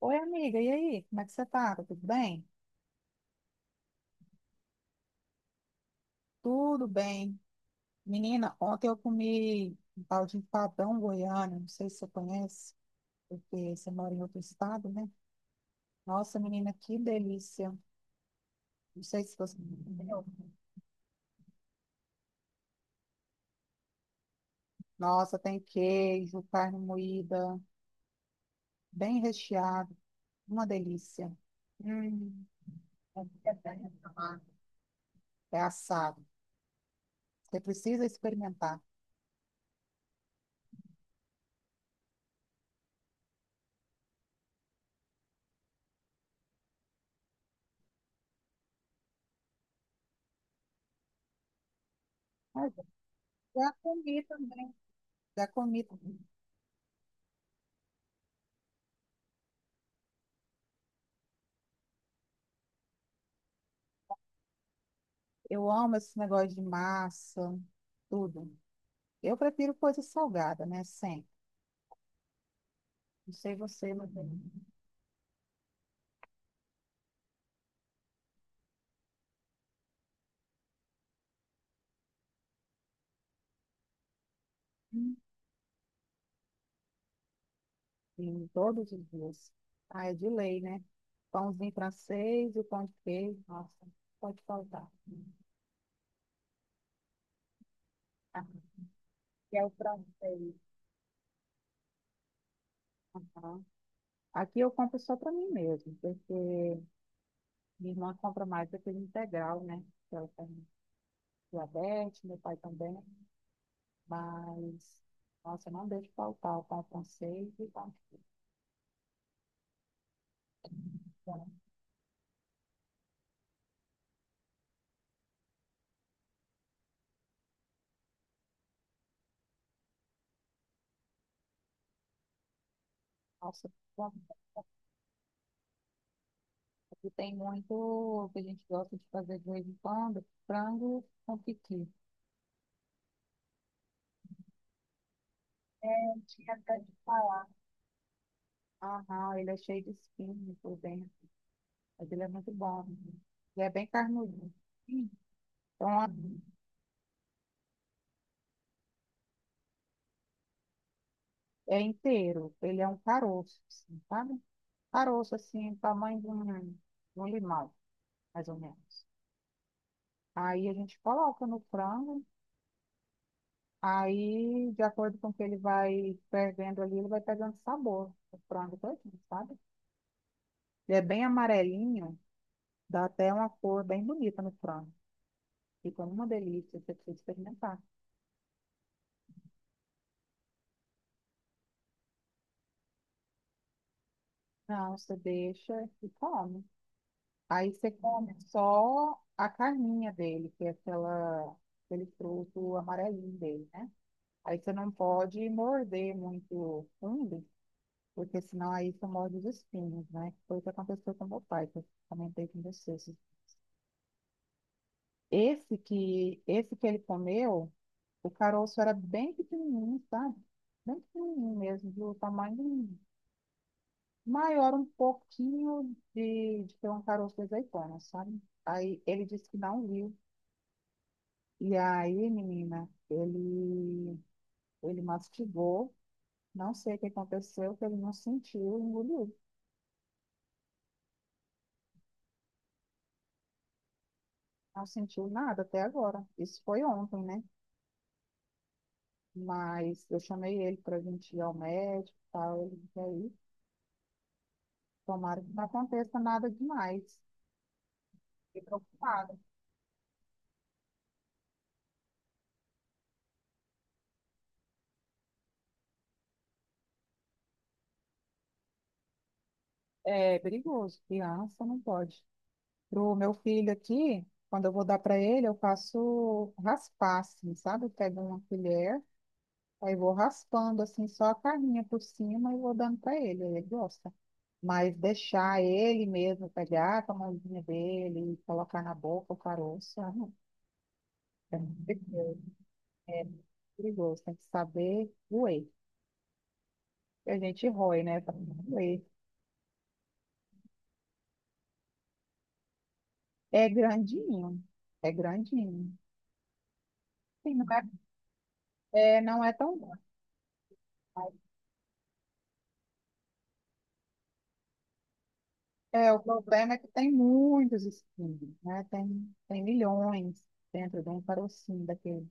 Oi, amiga, e aí? Como é que você tá? Tá tudo bem? Tudo bem. Menina, ontem eu comi um tal de empadão goiano, não sei se você conhece, porque você mora em outro estado, né? Nossa, menina, que delícia. Não sei se você entendeu. Nossa, tem queijo, carne moída, bem recheado, uma delícia. Hum, é bem amado. É assado. Você precisa experimentar. Ah, já comi também, já comi. Eu amo esse negócio de massa, tudo. Eu prefiro coisa salgada, né? Sempre. Não sei você, mas eu em todos os dias. Ah, é de lei, né? Pãozinho francês e o pão de queijo. Nossa, pode faltar. Ah, que é o francês. Aham. Aqui eu compro só para mim mesmo, porque minha irmã compra mais daquele integral, né? Que ela tem diabetes, meu pai também. Mas, nossa, eu não deixo faltar o pão francês e o pão de queijo. Nossa, bom, aqui tem muito o que a gente gosta de fazer de vez em quando, frango com piqui. É, tinha até de falar. Aham, ele é cheio de espinho por dentro, mas ele é muito bom. Ele é bem carnudinho. Sim. Então, a- É inteiro. Ele é um caroço, assim, sabe? Caroço, assim, tamanho de um limão, mais ou menos. Aí a gente coloca no frango, aí, de acordo com o que ele vai fervendo ali, ele vai pegando sabor, o frango todinho, sabe? Ele é bem amarelinho, dá até uma cor bem bonita no frango. Fica uma delícia, você precisa experimentar. Não, você deixa e come. Aí você come só a carninha dele, que é aquela, aquele fruto amarelinho dele, né? Aí você não pode morder muito fundo, porque senão aí você morde os espinhos, né? Foi o que aconteceu com meu pai, que eu comentei com você. Esse que ele comeu, o caroço era bem pequenininho, sabe? Bem pequenininho mesmo, do tamanho maior um pouquinho de ter um caroço de azeitona, sabe? Aí ele disse que não viu. E aí, menina, ele mastigou, não sei o que aconteceu, que ele não sentiu, engoliu. Não sentiu nada até agora. Isso foi ontem, né? Mas eu chamei ele para vir ir ao médico e tal. Ele veio. Tomara que não aconteça nada demais. Fiquei preocupada. É perigoso, criança não pode. Pro meu filho aqui, quando eu vou dar para ele, eu faço raspar, assim, sabe? Eu pego uma colher, aí vou raspando, assim, só a carninha por cima e vou dando para ele, aí ele gosta. Mas deixar ele mesmo pegar com a mãozinha dele e colocar na boca o caroço, ah, não. É muito perigoso. É muito perigoso, tem que saber roer. A gente rói, né? Pra não roer. É grandinho, é grandinho. Sim, não é, não é tão bom. É, o problema é que tem muitos espinhos, né? Tem, tem milhões dentro de um carocinho daquele.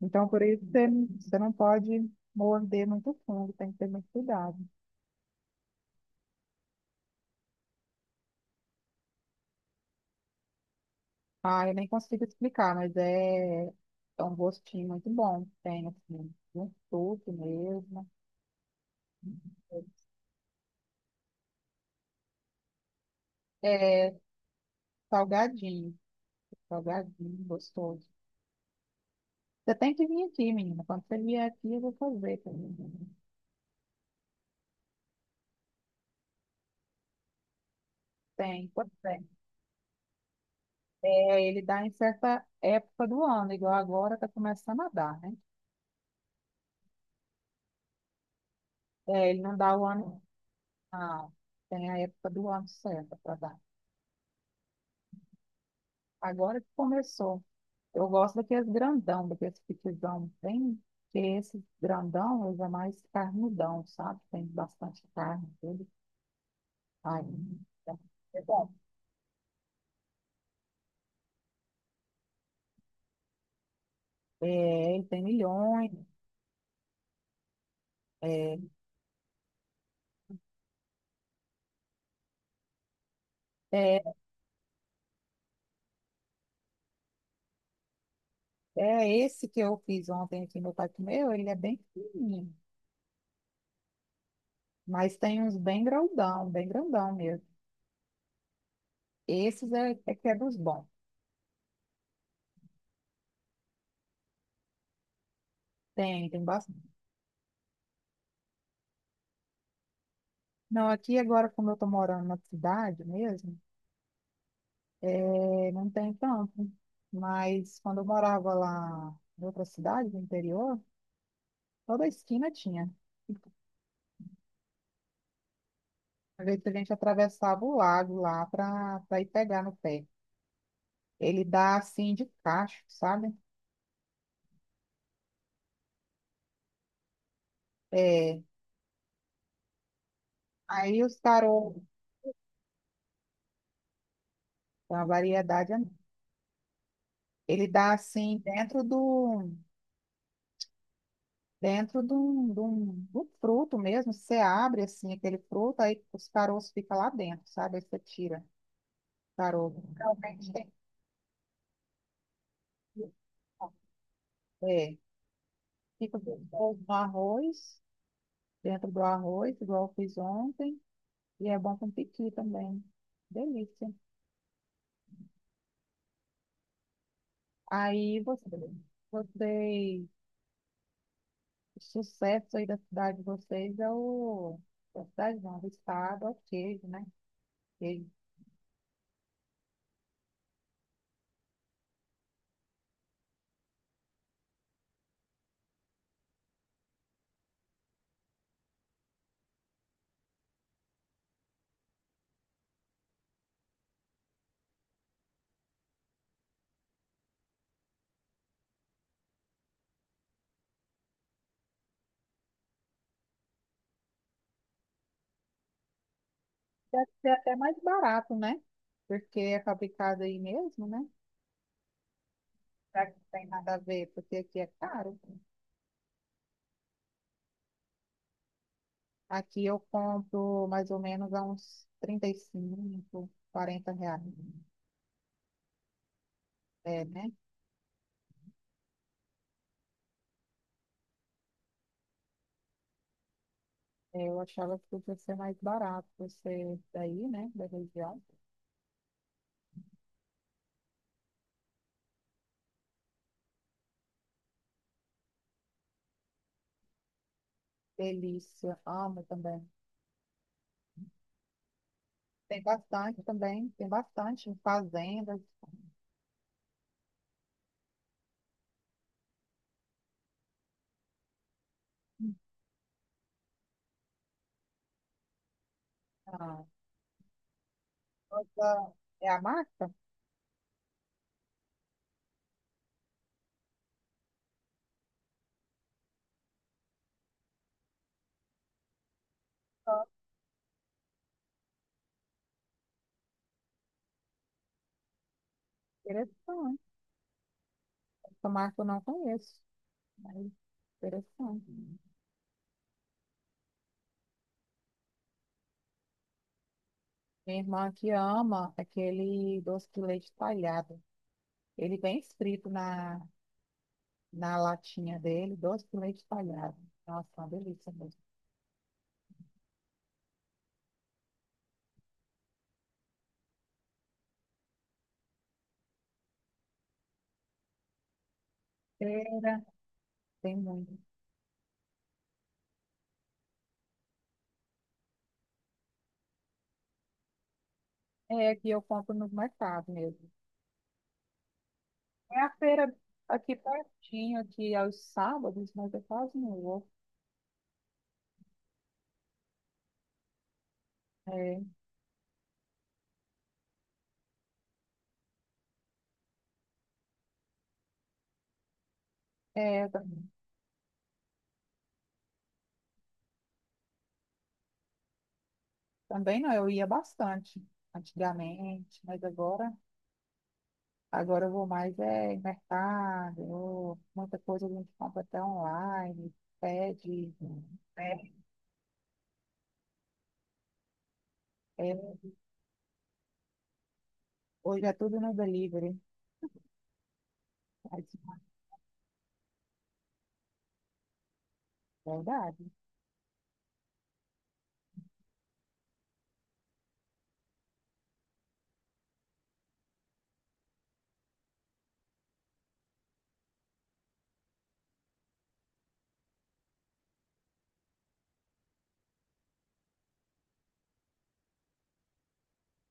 Então, por isso, você não pode morder muito fundo, tem que ter muito cuidado. Ah, eu nem consigo explicar, mas é um gostinho muito bom. Tem, assim, um suco mesmo. É salgadinho, salgadinho, gostoso. Você tem que vir aqui, menina. Quando você vier aqui, eu vou fazer. Pra mim. Tem, pode ser. É, ele dá em certa época do ano, igual agora está começando a dar, né? É, ele não dá o ano, não. Tem a época do ano certa para dar. Agora que começou. Eu gosto daqueles grandão, daqueles pitizão bem, que esse grandão usa mais carnudão, sabe? Tem bastante carne, tudo. Ai, então, é bom. É, ele tem milhões. É, é É esse que eu fiz ontem aqui, meu pai comeu, ele é bem fininho, mas tem uns bem grandão mesmo. É que é dos bons. Tem, tem bastante. Não, aqui agora, como eu tô morando na cidade mesmo, não tem tanto. Mas quando eu morava lá em outra cidade, no interior, toda esquina tinha. Às vezes a gente atravessava o lago lá para ir pegar no pé. Ele dá assim de cacho, sabe? É, aí os tarô tem uma variedade enorme. Ele dá assim dentro do fruto mesmo. Você abre assim aquele fruto, aí os caroços ficam lá dentro, sabe? Aí você tira o caroço. Realmente tem que tirar. É, fica gostoso no arroz, dentro do arroz, igual eu fiz ontem, e é bom com piqui também. Delícia. Aí você, vocês, o sucesso aí da cidade de vocês é o, da cidade não, do estado, é o queijo, né? Queijo. Deve ser até mais barato, né? Porque é fabricado aí mesmo, né? Já que não tem nada a ver, porque aqui é caro. Aqui eu compro mais ou menos a uns 35, 40 reais. É, né? É, eu achava que podia ser mais barato você daí, né? Da região. Delícia, amo também. Tem bastante também, tem bastante em fazendas. Ah, essa é a marca? Interessante. Essa marca eu não conheço. Ai, interessante. Minha irmã que ama aquele doce de leite talhado. Ele vem escrito na latinha dele, doce de leite talhado. Nossa, uma delícia mesmo. Feira, tem muito. É que eu compro no mercado mesmo. É a feira aqui pertinho, aqui aos sábados, mas eu quase não vou. É, é, tam- também não, eu ia bastante antigamente, mas agora. Agora eu vou mais em mercado, muita coisa a gente compra até online, pede. Né? É, hoje é tudo no delivery. Aí disse, "Ah, verdade.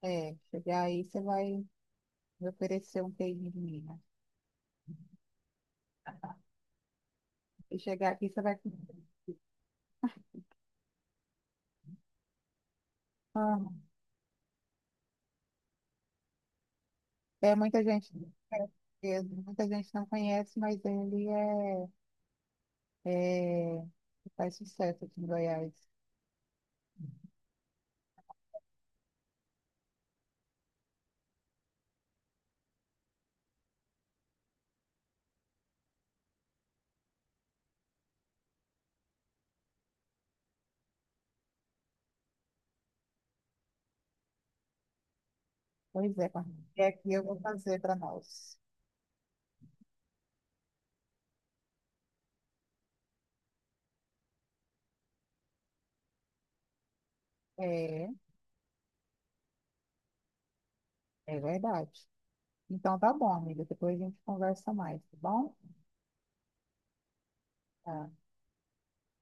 É, chegar aí você vai me oferecer um queijinho de Minas. E chegar aqui você vai comer. Ah, é muita gente, muita gente não conhece, mas ele é faz sucesso aqui em Goiás. Pois é, Carmen. E aqui eu vou fazer para nós. É, é verdade. Então tá bom, amiga. Depois a gente conversa mais, tá bom? Tá.